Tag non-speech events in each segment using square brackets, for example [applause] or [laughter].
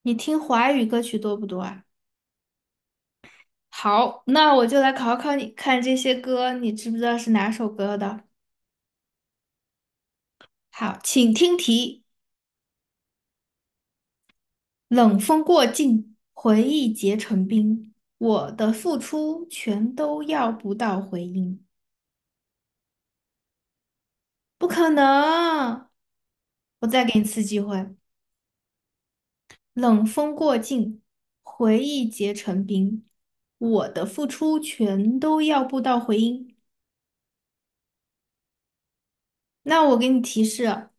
你听华语歌曲多不多啊？好，那我就来考考你，看这些歌你知不知道是哪首歌的？好，请听题：冷风过境，回忆结成冰，我的付出全都要不到回音。不可能！我再给你次机会：冷风过境，回忆结成冰，我的付出全都要不到回音。那我给你提示。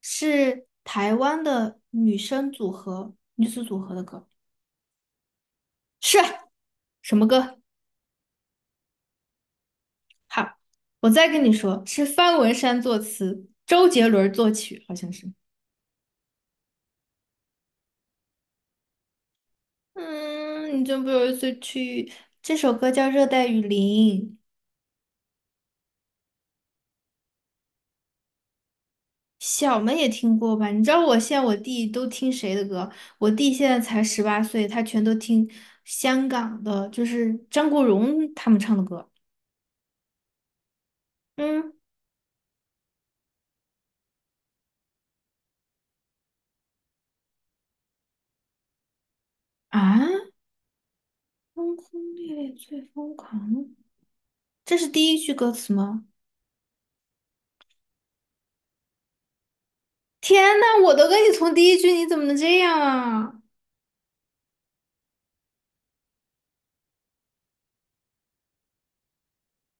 是台湾的女生组合、女子组合的歌，是什么歌？好，我再跟你说，是方文山作词，周杰伦作曲，好像是。嗯，你真不由自己去。这首歌叫《热带雨林》，小们也听过吧？你知道我现在我弟都听谁的歌？我弟现在才18岁，他全都听香港的，就是张国荣他们唱的歌。嗯啊，轰轰烈烈最疯狂。这是第一句歌词吗？天呐，我都跟你从第一句，你怎么能这样啊？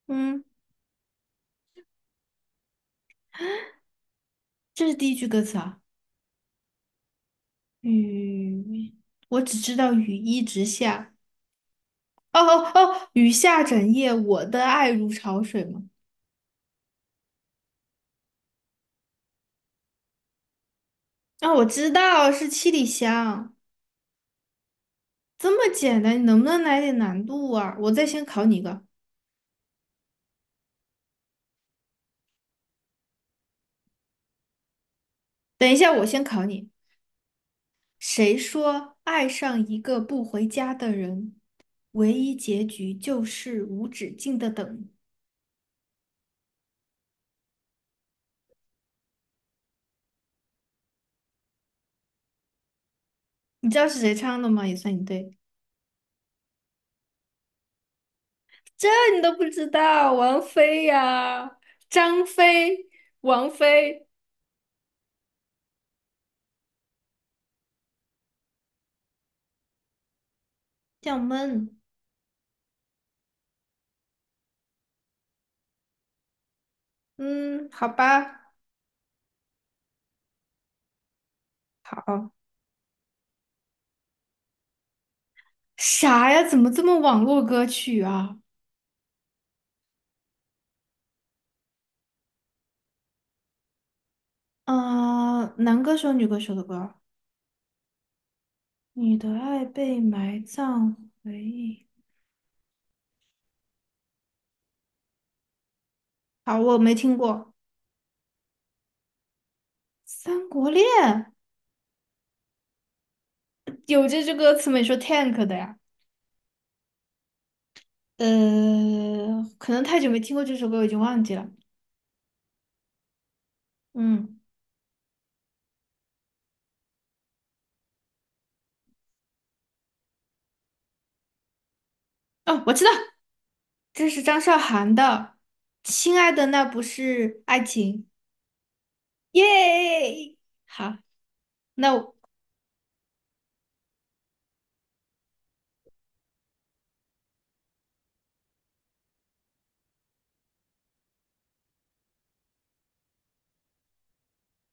嗯，这是第一句歌词啊。雨，我只知道雨一直下。哦哦哦，雨下整夜，我的爱如潮水吗？啊、我知道是七里香。这么简单，你能不能来点难度啊？我再先考你一个。等一下，我先考你。谁说爱上一个不回家的人，唯一结局就是无止境的等？你知道是谁唱的吗？也算你对，这你都不知道，王菲呀、张飞、王菲，叫闷。嗯，好吧，好。啥呀？怎么这么网络歌曲啊？啊、男歌手、女歌手的歌。你的爱被埋葬回忆。好，我没听过《三国恋》，有这句歌词没说 tank 的呀？呃，可能太久没听过这首歌，我已经忘记了。嗯，哦，我知道。这是张韶涵的《亲爱的那不是爱情》，耶！好，那我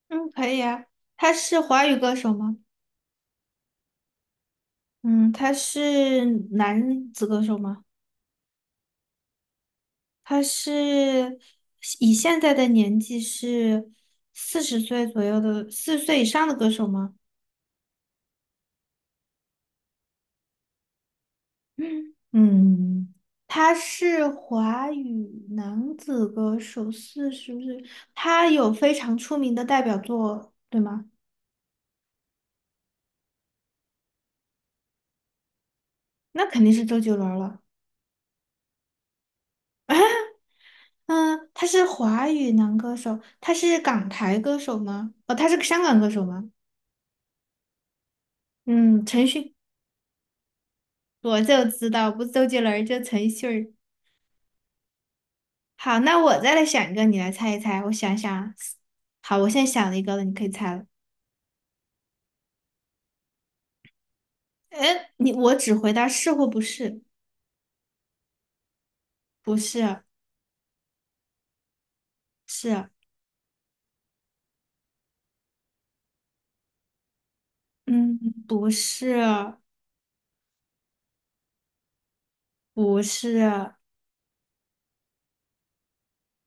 嗯可以啊。他是华语歌手吗？嗯，他是男子歌手吗？他是以现在的年纪是四十岁左右的，四十岁以上的歌手吗？[clears throat] 嗯，嗯，他是华语男子歌手，四十岁，他有非常出名的代表作，对吗？那肯定是周杰伦了。嗯，他是华语男歌手，他是港台歌手吗？哦，他是个香港歌手吗？嗯，陈迅，我就知道，不是周杰伦儿就陈迅儿。好，那我再来想一个，你来猜一猜。我想想啊。好，我现在想了一个了，你可以猜了。哎，你我只回答是或不是，不是，是，嗯，不是，不是，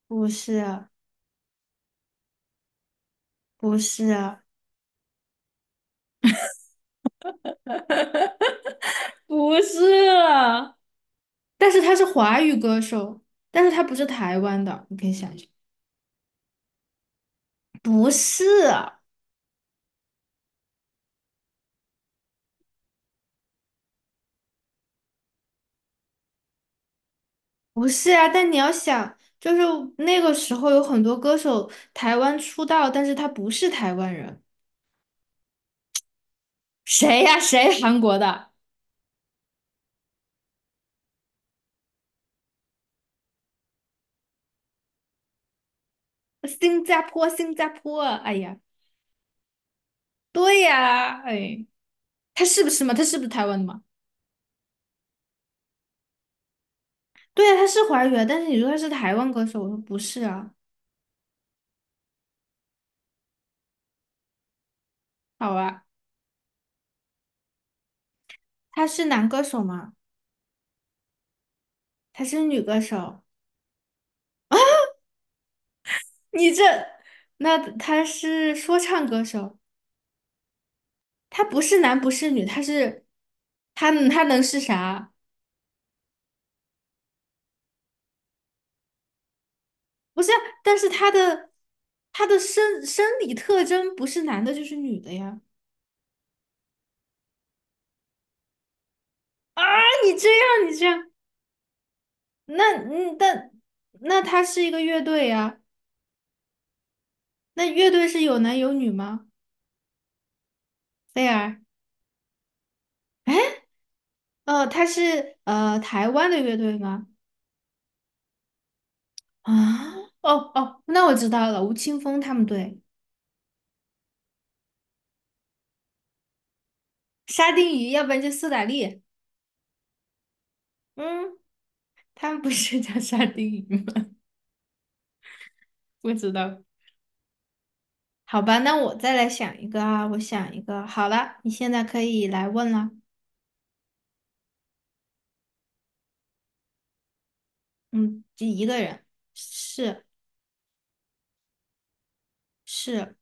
不是，不是，[laughs] 不是，但是他是华语歌手，但是他不是台湾的，你可以想一下，不是啊，不是啊。但你要想，就是那个时候有很多歌手台湾出道，但是他不是台湾人，谁呀、谁 [laughs] 韩国的？新加坡，新加坡，哎呀，对呀、哎，他是不是嘛？他是不是台湾的嘛？对呀、他是华语啊，但是你说他是台湾歌手，我说不是啊，好啊，他是男歌手吗？他是女歌手，你这，那他是说唱歌手，他不是男不是女，他是，他能是啥？不是啊但是他的生理特征不是男的就是女的呀。啊，你这样你这样，那嗯，但那他是一个乐队呀，那乐队是有男有女吗？菲儿，哦，他是台湾的乐队吗？啊，哦哦，那我知道了，吴青峰他们队，沙丁鱼，要不然就苏打绿，嗯。他们不是叫沙丁鱼吗？[laughs] 不知道。好吧，那我再来想一个啊，我想一个。好了，你现在可以来问了。嗯，就一个人，是是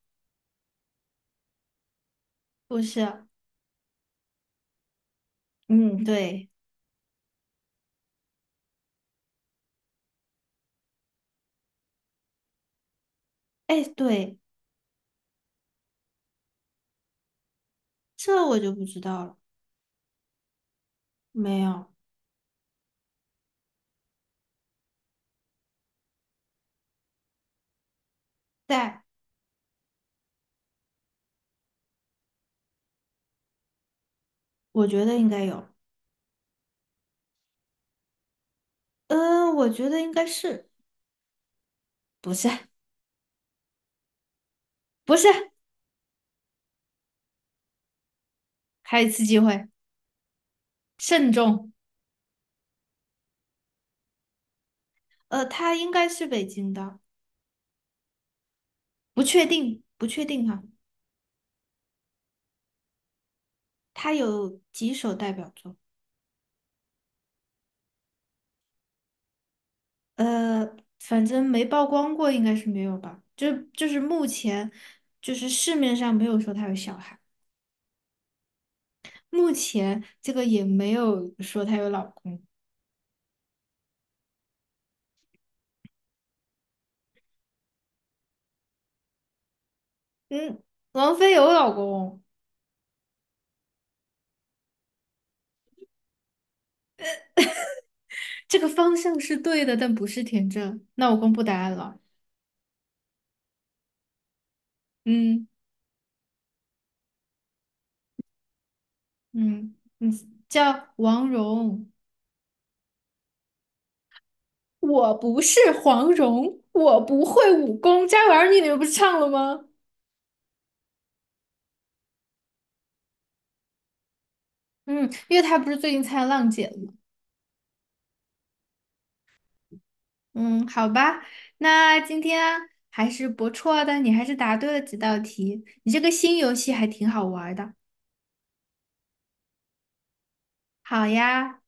不是？嗯，对，哎，对，这我就不知道了。没有，在，我觉得应该有。我觉得应该是，不是，不是，还有一次机会，慎重。他应该是北京的，不确定，不确定哈、他有几首代表作？反正没曝光过，应该是没有吧？就是目前，就是市面上没有说她有小孩，目前这个也没有说她有老公。嗯，王菲有老公，这个方向是对的，但不是田震。那我公布答案了。嗯嗯嗯，叫王蓉。我不是黄蓉，我不会武功。这玩意儿你们不是唱了吗？嗯，因为她不是最近参加浪姐了。嗯，好吧，那今天还是不错的，你还是答对了几道题，你这个新游戏还挺好玩儿的。好呀，